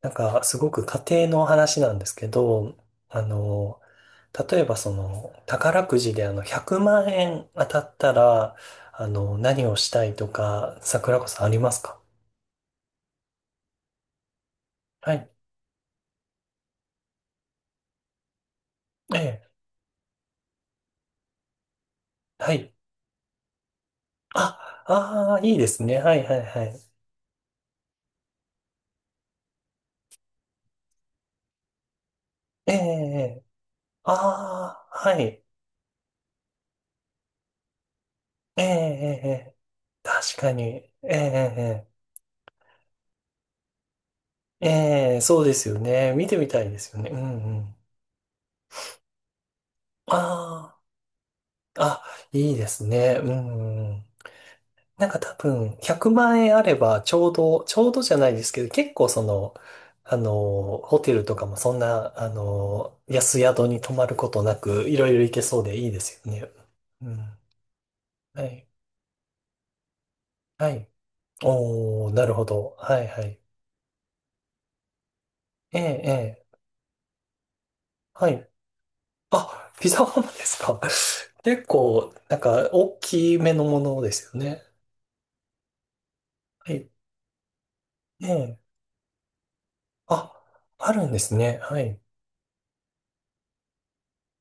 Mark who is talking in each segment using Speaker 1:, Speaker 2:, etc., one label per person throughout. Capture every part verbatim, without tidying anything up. Speaker 1: なんか、すごく家庭の話なんですけど、あの、例えばその、宝くじであの、ひゃくまん円当たったら、あの、何をしたいとか、桜子さんありますか？はい。ええ。はい。あ、ああ、いいですね。はいはいはい。ええ、ええ。ああ、はい。ええ、ええ、ええ、確かに。ええ、ええ、ええ、そうですよね。見てみたいですよね。うんうん。ああ、あ、いいですね。うんうん。なんか多分、ひゃくまん円あれば、ちょうど、ちょうどじゃないですけど、結構その、あの、ホテルとかもそんな、あの、安宿に泊まることなく、いろいろ行けそうでいいですよね。うん。はい。はい。おー、なるほど。はい、はい。ええ、ええ。はい。あ、ピザハムですか？結構、なんか、大きめのものですよね。はい。ええ。あ、あるんですね。はい。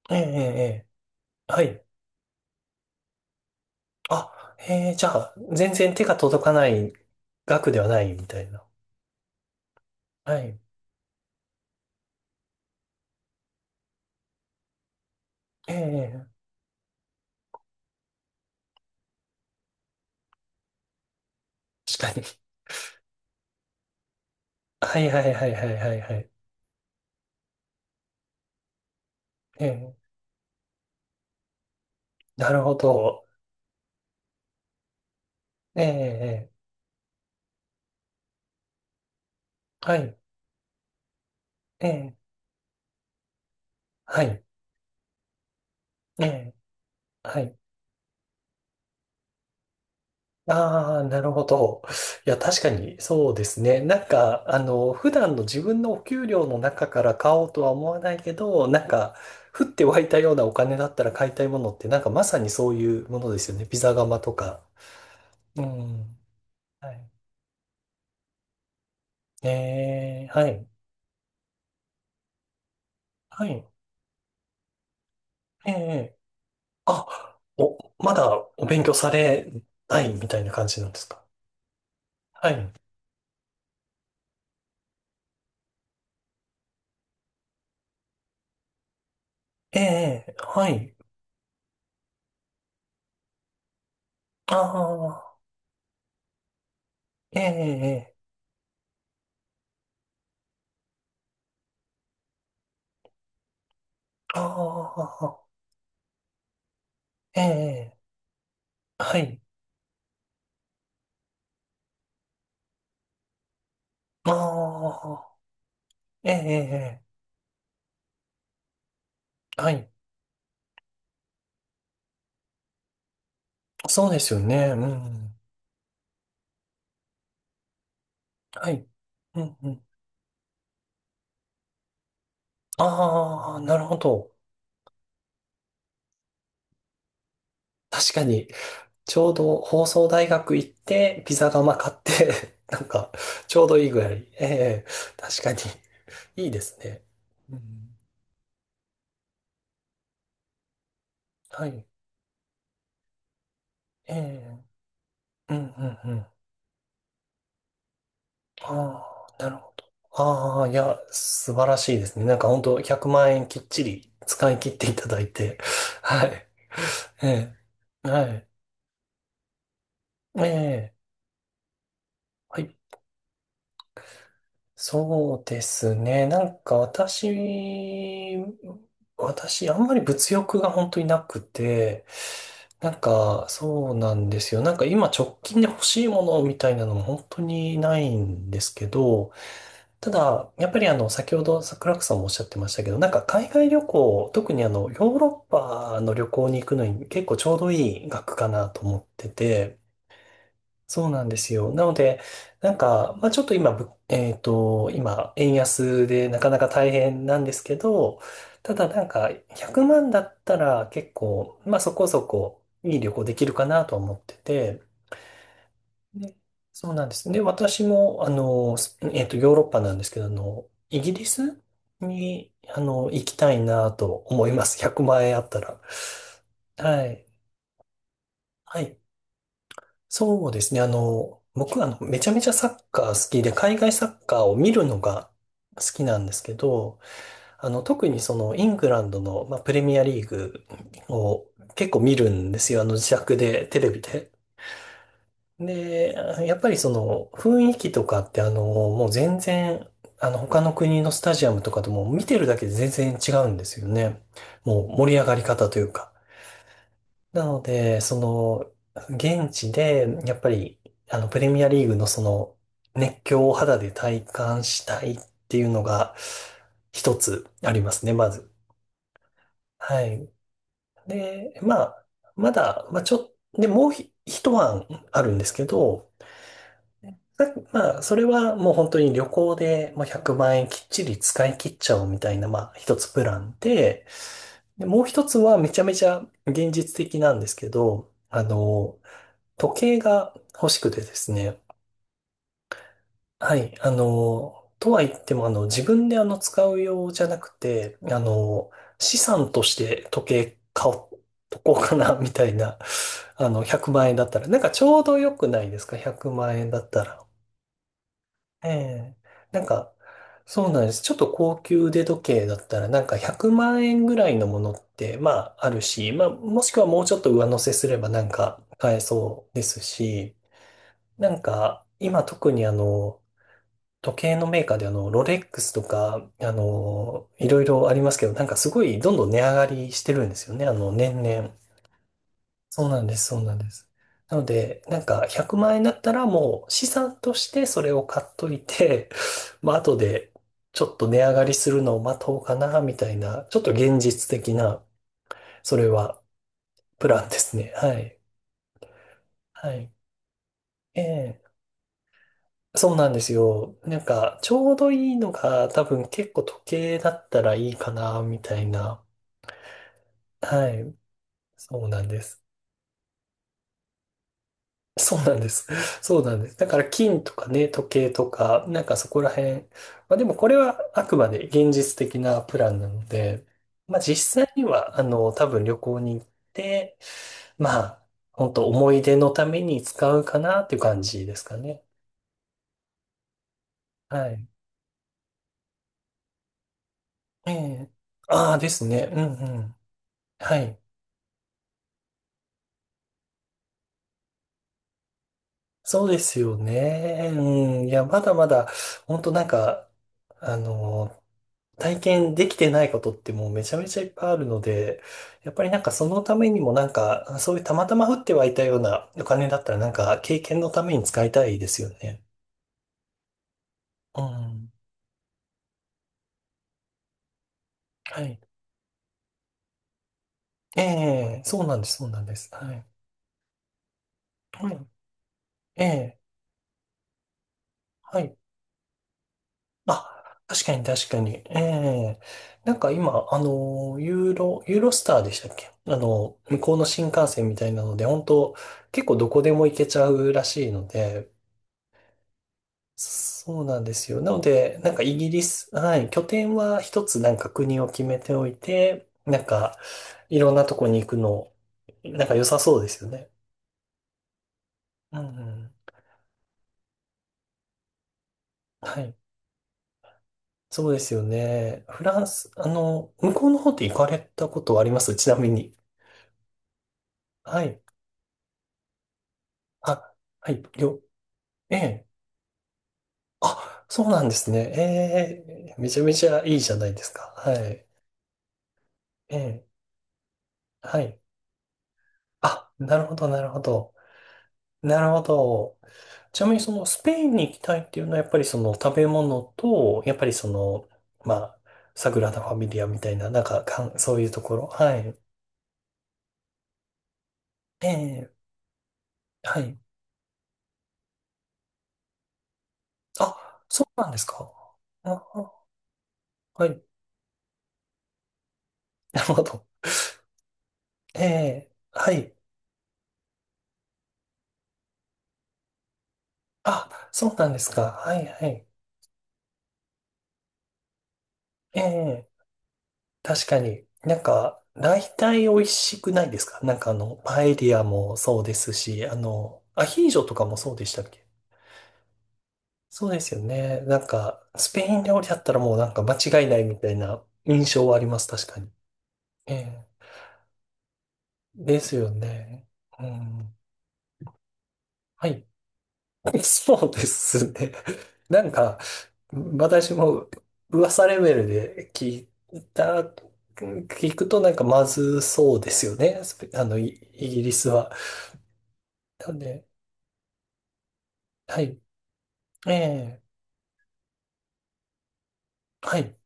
Speaker 1: ええ、ええ。ええ、はい。あ、へえー、じゃあ、全然手が届かない額ではないみたいな。はい。ええ、確かに。はいはいはいはいはいはい。ええ、なるほど。ええええ、はい。ええ、はい。ええ、はい。ああ、なるほど。いや、確かにそうですね。なんか、あの、普段の自分のお給料の中から買おうとは思わないけど、なんか、降って湧いたようなお金だったら買いたいものって、なんかまさにそういうものですよね。ピザ窯とか。うん。はい。えー、はい。はい。ええ、あ、お、まだお勉強されないみたいな感じなんですか？はい。ええ、はい。ああ、ええ、ああ、ええ、はい。ああ、ええ、はい。そうですよね。うん。はい。うん、うん。ああ、なるほど。確かに。ちょうど放送大学行って、ピザ窯買って なんか、ちょうどいいぐらい。ええ、確かに。いいですね。うん、はい。ええ、うん、うん、うん。ああ、なるほど。ああ、いや、素晴らしいですね。なんか本当ひゃくまん円きっちり使い切っていただいて。はい。ええ、はい。ええ、はい。そうですね。なんか私、私、あんまり物欲が本当になくて、なんかそうなんですよ。なんか今直近で欲しいものみたいなのも本当にないんですけど、ただ、やっぱりあの、先ほど桜子さんもおっしゃってましたけど、なんか海外旅行、特にあの、ヨーロッパの旅行に行くのに結構ちょうどいい額かなと思ってて、そうなんですよ。なので、なんか、まあちょっと今、ぶえっと、今、円安でなかなか大変なんですけど、ただなんか、ひゃくまんだったら結構、まあそこそこいい旅行できるかなと思ってて、で、そうなんです。で、私も、あの、スえっと、ヨーロッパなんですけど、あの、イギリスに、あの、行きたいなと思います。ひゃくまん円あったら。はい。はい。そうですね。あの、僕はあのめちゃめちゃサッカー好きで、海外サッカーを見るのが好きなんですけど、あの、特にそのイングランドの、まあ、プレミアリーグを結構見るんですよ。あの、自宅で、テレビで。で、やっぱりその雰囲気とかってあの、もう全然、あの、他の国のスタジアムとかとも見てるだけで全然違うんですよね。もう盛り上がり方というか。なので、その、現地で、やっぱり、あの、プレミアリーグのその、熱狂を肌で体感したいっていうのが、一つありますね、まず。はい。で、まあ、まだ、まあ、ちょっ、で、もうひ一案あるんですけど、さまあ、それはもう本当に旅行でもうひゃくまん円きっちり使い切っちゃおうみたいな、まあ、一つプランで、で、もう一つはめちゃめちゃ現実的なんですけど、あの、時計が欲しくてですね。はい。あの、とは言っても、あの、自分であの、使う用じゃなくて、あの、資産として時計買おうとこうかな、みたいな。あの、ひゃくまん円だったら。なんかちょうど良くないですか？ ひゃく 万円だったら。ええ。なんか、そうなんです。ちょっと高級腕時計だったら、なんかひゃくまん円ぐらいのものって、まあ、あるし、まあ、もしくはもうちょっと上乗せすればなんか買えそうですし、なんか、今特にあの、時計のメーカーであの、ロレックスとか、あの、いろいろありますけど、なんかすごいどんどん値上がりしてるんですよね、あの、年々。そうなんです、そうなんです。なので、なんかひゃくまん円だったらもう資産としてそれを買っといて、まあ後でちょっと値上がりするのを待とうかな、みたいな、ちょっと現実的な、それはプランですね。はい。はい。ええ、そうなんですよ。なんか、ちょうどいいのが多分結構時計だったらいいかな、みたいな。はい。そうなんです。そうなんです。そうなんです。だから金とかね、時計とか、なんかそこら辺。まあでもこれはあくまで現実的なプランなので、まあ実際には、あの、多分旅行に行って、まあ、本当思い出のために使うかなっていう感じですかね。はい。ええ。ああ、ですね。うんうん。はい。そうですよね。うん。いや、まだまだ、本当なんか、あの、体験できてないことってもうめちゃめちゃいっぱいあるので、やっぱりなんかそのためにもなんか、そういうたまたま降ってはいたようなお金だったらなんか経験のために使いたいですよね。うん。はい。ええ、そうなんです、そうなんです。はい。はい。ええ、はい。あ、確かに確かに。ええ、なんか今、あの、ユーロ、ユーロスターでしたっけ？あの、向こうの新幹線みたいなので、本当結構どこでも行けちゃうらしいので、そうなんですよ。なので、なんかイギリス、はい、拠点は一つなんか国を決めておいて、なんか、いろんなとこに行くの、なんか良さそうですよね。うんうん。はい。そうですよね。フランス、あの、向こうの方って行かれたことはありますちなみに。はい。あ、はい、よ、ええ。あ、そうなんですね。ええ、めちゃめちゃいいじゃないですか。はい。ええ、はい。あ、なるほど、なるほど。なるほど。ちなみにそのスペインに行きたいっていうのはやっぱりその食べ物と、やっぱりその、まあ、サグラダ・ファミリアみたいな、なんか、かん、そういうところ。はい。ええ、はい。あ、そうなんですか。あ、はい。なるほど。ええ、はい。あ、そうなんですか。はい、はい。ええ、確かに、なんか、大体美味しくないですか？なんかあの、パエリアもそうですし、あの、アヒージョとかもそうでしたっけ？そうですよね。なんか、スペイン料理だったらもうなんか間違いないみたいな印象はあります、確かに。ええ、ですよね。うん。はい。そうですね。なんか、私も噂レベルで聞いた、聞くとなんかまずそうですよね。スペあの、イイギリスは。なんで、はい。ええ、はい。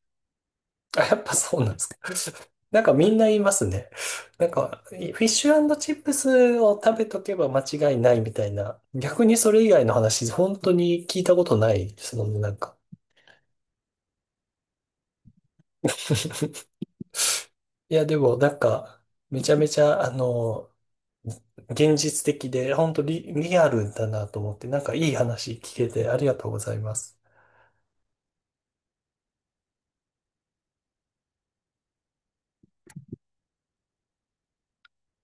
Speaker 1: あ、やっぱそうなんですか。なんかみんな言いますね。なんか、いフィッシュチップスを食べとけば間違いないみたいな。逆にそれ以外の話、本当に聞いたことないですもんね、なんか。いや、でもなんか、めちゃめちゃ、あの、現実的で、本当リ、リアルだなと思って、なんかいい話聞けてありがとうございます。